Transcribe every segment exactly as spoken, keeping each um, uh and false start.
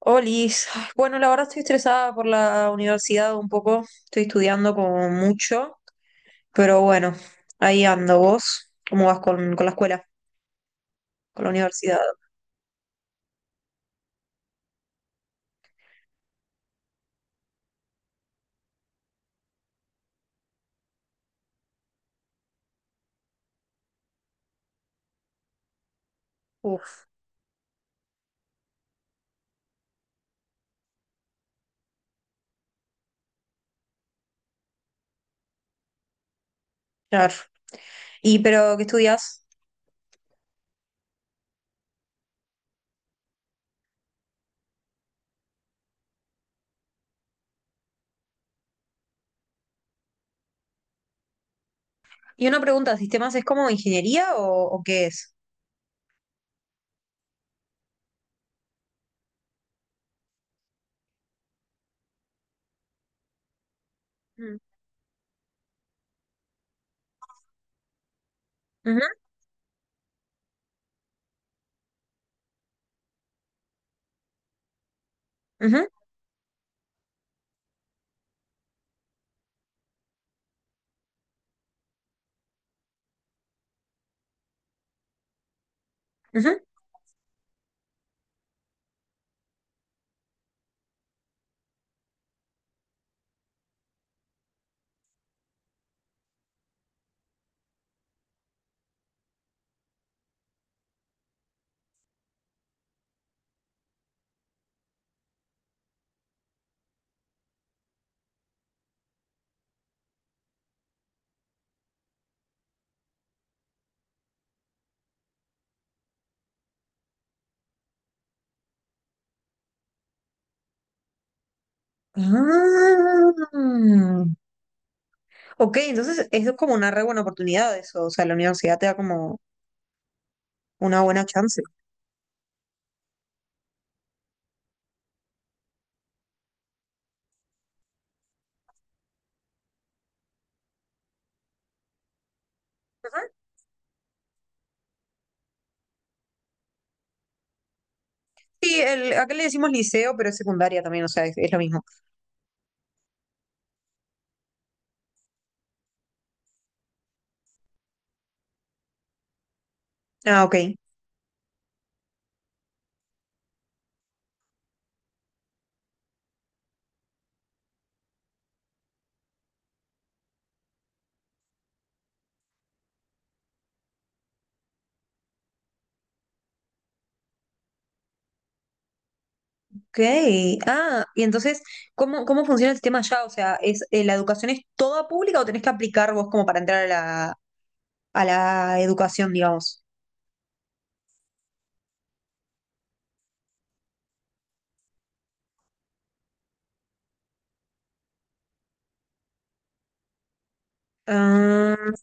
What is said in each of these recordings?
Olis, ay, bueno, la verdad estoy estresada por la universidad un poco, estoy estudiando como mucho, pero bueno, ahí ando vos, ¿cómo vas con, con la escuela, con la universidad? Uf, claro. ¿Y pero qué estudias? Y una pregunta, ¿sistemas es como ingeniería o, o qué es? Mm. Ujú, ujú, ujú. Ah. Ok, entonces es como una re buena oportunidad eso, o sea, la universidad te da como una buena chance. Ujú. Sí, el, acá le decimos liceo, pero es secundaria también, o sea, es, es lo mismo. Ah, ok. Ok. Ah, y entonces, ¿cómo, cómo funciona el sistema allá? O sea, ¿es, eh, ¿la educación es toda pública o tenés que aplicar vos como para entrar a la, a la educación, digamos? Ah,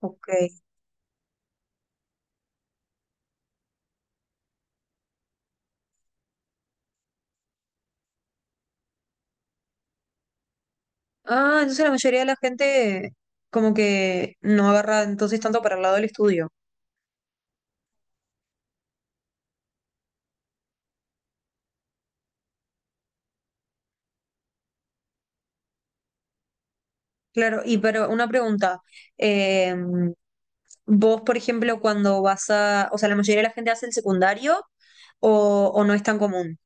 ok. Ah, entonces la mayoría de la gente como que no agarra entonces tanto para el lado del estudio. Claro, y pero una pregunta. Eh, Vos, por ejemplo, cuando vas a, o sea, la mayoría de la gente hace el secundario o, o no es tan común.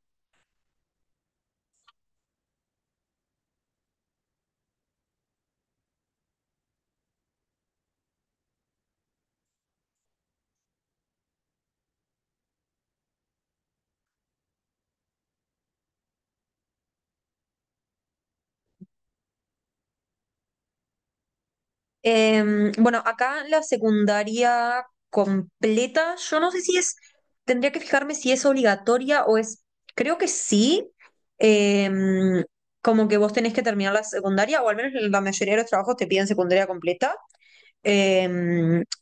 Em, bueno, acá la secundaria completa, yo no sé si es, tendría que fijarme si es obligatoria o es, creo que sí, em, como que vos tenés que terminar la secundaria, o al menos la mayoría de los trabajos te piden secundaria completa, eh,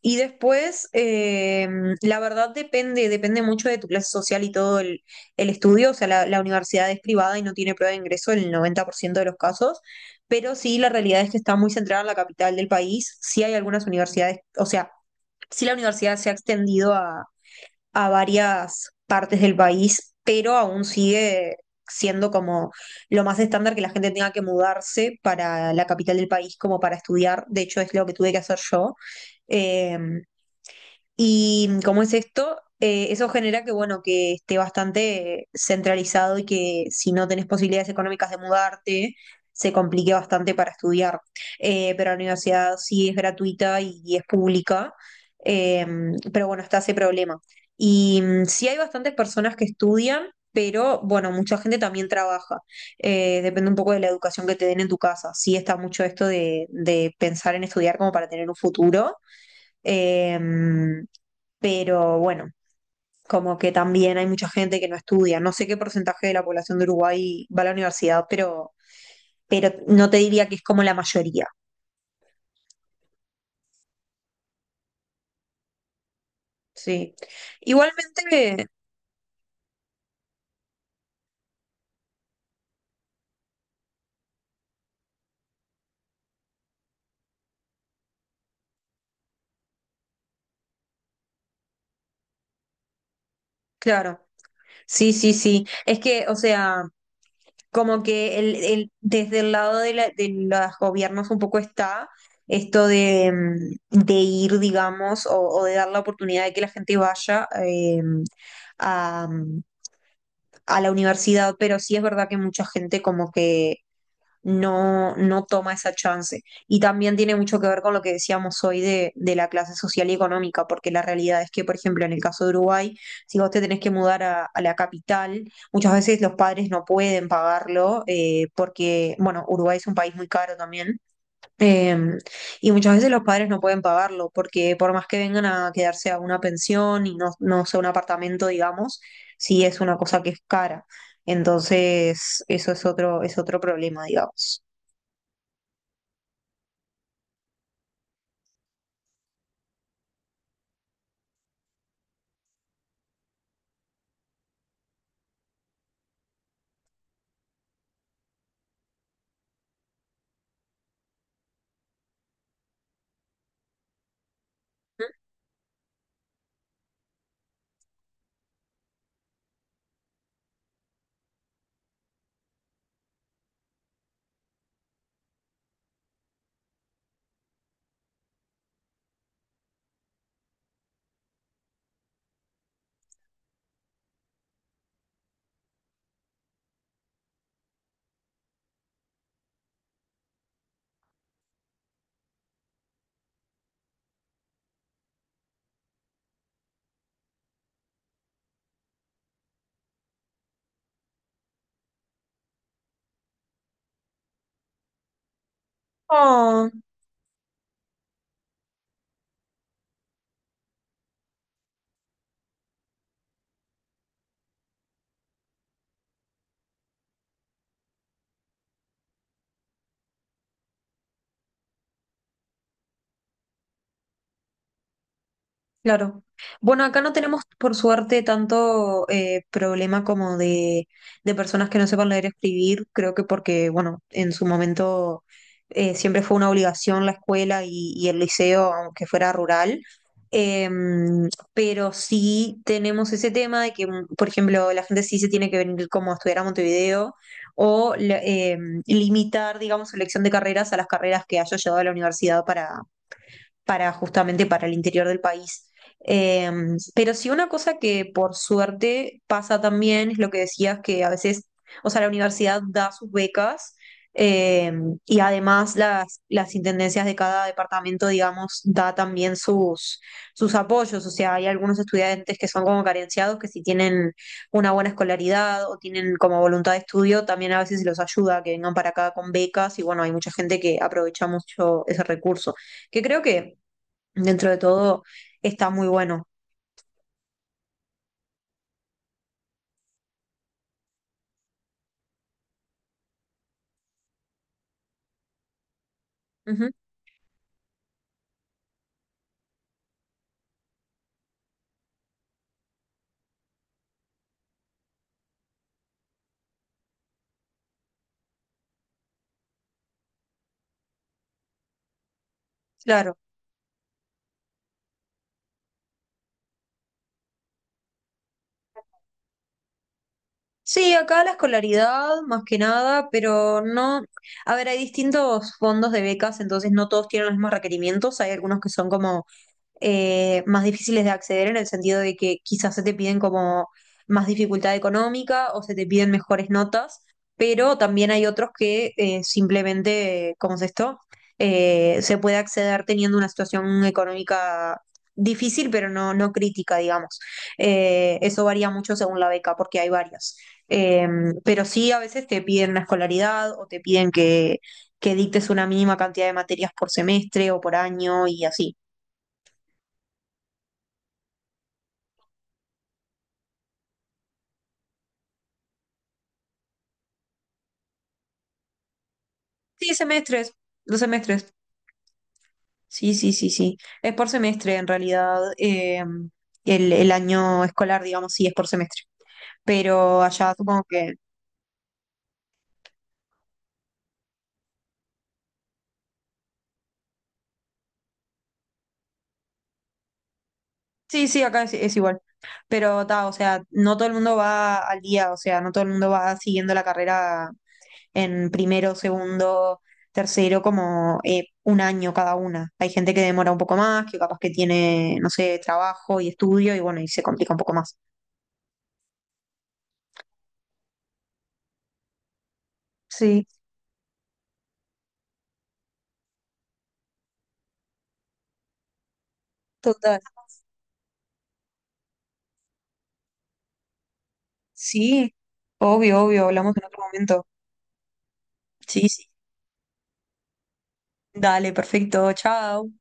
y después, eh, la verdad depende, depende mucho de tu clase social y todo el, el estudio. O sea, la, la universidad es privada y no tiene prueba de ingreso en el noventa por ciento de los casos, pero sí la realidad es que está muy centrada en la capital del país. Sí hay algunas universidades, o sea, sí la universidad se ha extendido a, a varias partes del país, pero aún sigue siendo como lo más estándar que la gente tenga que mudarse para la capital del país como para estudiar. De hecho, es lo que tuve que hacer yo. Eh, y como es esto, eh, eso genera que, bueno, que esté bastante centralizado y que si no tenés posibilidades económicas de mudarte, se complique bastante para estudiar. Eh, pero la universidad sí es gratuita y, y es pública, eh, pero bueno, está ese problema. Y mm, sí hay bastantes personas que estudian, pero bueno, mucha gente también trabaja. Eh, depende un poco de la educación que te den en tu casa. Sí está mucho esto de, de pensar en estudiar como para tener un futuro. Em, pero bueno, como que también hay mucha gente que no estudia. No sé qué porcentaje de la población de Uruguay va a la universidad, pero, pero no te diría que es como la mayoría. Sí. Igualmente, claro. Sí, sí, sí. Es que, o sea, como que el, el- desde el lado de, la- de los gobiernos un poco está esto de, mm, de ir, digamos, o, o de dar la oportunidad de que la gente vaya eh, a la universidad, pero sí es verdad que mucha gente como que no, no toma esa chance. Y también tiene mucho que ver con lo que decíamos hoy de, de la clase social y económica, porque la realidad es que, por ejemplo, en el caso de Uruguay, si vos te tenés que mudar a, a la capital, muchas veces los padres no pueden pagarlo, eh, porque, bueno, Uruguay es un país muy caro también. Em, y muchas veces los padres no pueden pagarlo porque por más que vengan a quedarse a una pensión y no, no sea un apartamento, digamos, sí es una cosa que es cara. Entonces, eso es otro, es otro problema, digamos. Oh. Claro. Bueno, acá no tenemos, por suerte, tanto eh, problema como de, de personas que no sepan leer y escribir. Creo que porque, bueno, en su momento eh, siempre fue una obligación la escuela y, y el liceo, aunque fuera rural. Em, pero sí tenemos ese tema de que, mm, por ejemplo, la gente sí se tiene que venir como a estudiar a Montevideo o la- em, limitar, digamos, su elección de carreras a las carreras que haya llevado a la universidad para justamente para el interior del país. Eh, pero sí una cosa que por suerte pasa también es lo que decías, que a veces, o sea, la universidad da sus becas eh, y además las, las intendencias de cada departamento, digamos, da también sus, sus apoyos. O sea, hay algunos estudiantes que son como carenciados, que si tienen una buena escolaridad o tienen como voluntad de estudio, también a veces se los ayuda a que vengan para acá con becas y bueno, hay mucha gente que aprovecha mucho ese recurso que creo que dentro de todo está muy bueno. Ujú, claro. Sí, acá la escolaridad más que nada, pero no, a ver, hay distintos fondos de becas, entonces no todos tienen los mismos requerimientos, hay algunos que son como eh, más difíciles de acceder en el sentido de que quizás se te piden como más dificultad económica o se te piden mejores notas, pero también hay otros que eh, simplemente, ¿cómo es esto? Eh, se puede acceder teniendo una situación económica difícil, pero no, no crítica, digamos. Eh, eso varía mucho según la beca, porque hay varias. Eh, pero sí, a veces te piden una escolaridad o te piden que, que dictes una mínima cantidad de materias por semestre o por año y así. Sí, semestres, los semestres. Sí, sí, sí, sí. Es por semestre en realidad. eh, el, el año escolar, digamos, sí es por semestre. Pero allá supongo que... Sí, sí, acá es, es igual. Pero ta, o sea, no todo el mundo va al día, o sea, no todo el mundo va siguiendo la carrera en primero, segundo, tercero, como eh, un año cada una. Hay gente que demora un poco más, que capaz que tiene, no sé, trabajo y estudio y bueno, y se complica un poco más. Sí, total. Sí, obvio, obvio, hablamos en otro momento. Sí, sí. Dale, perfecto, chao.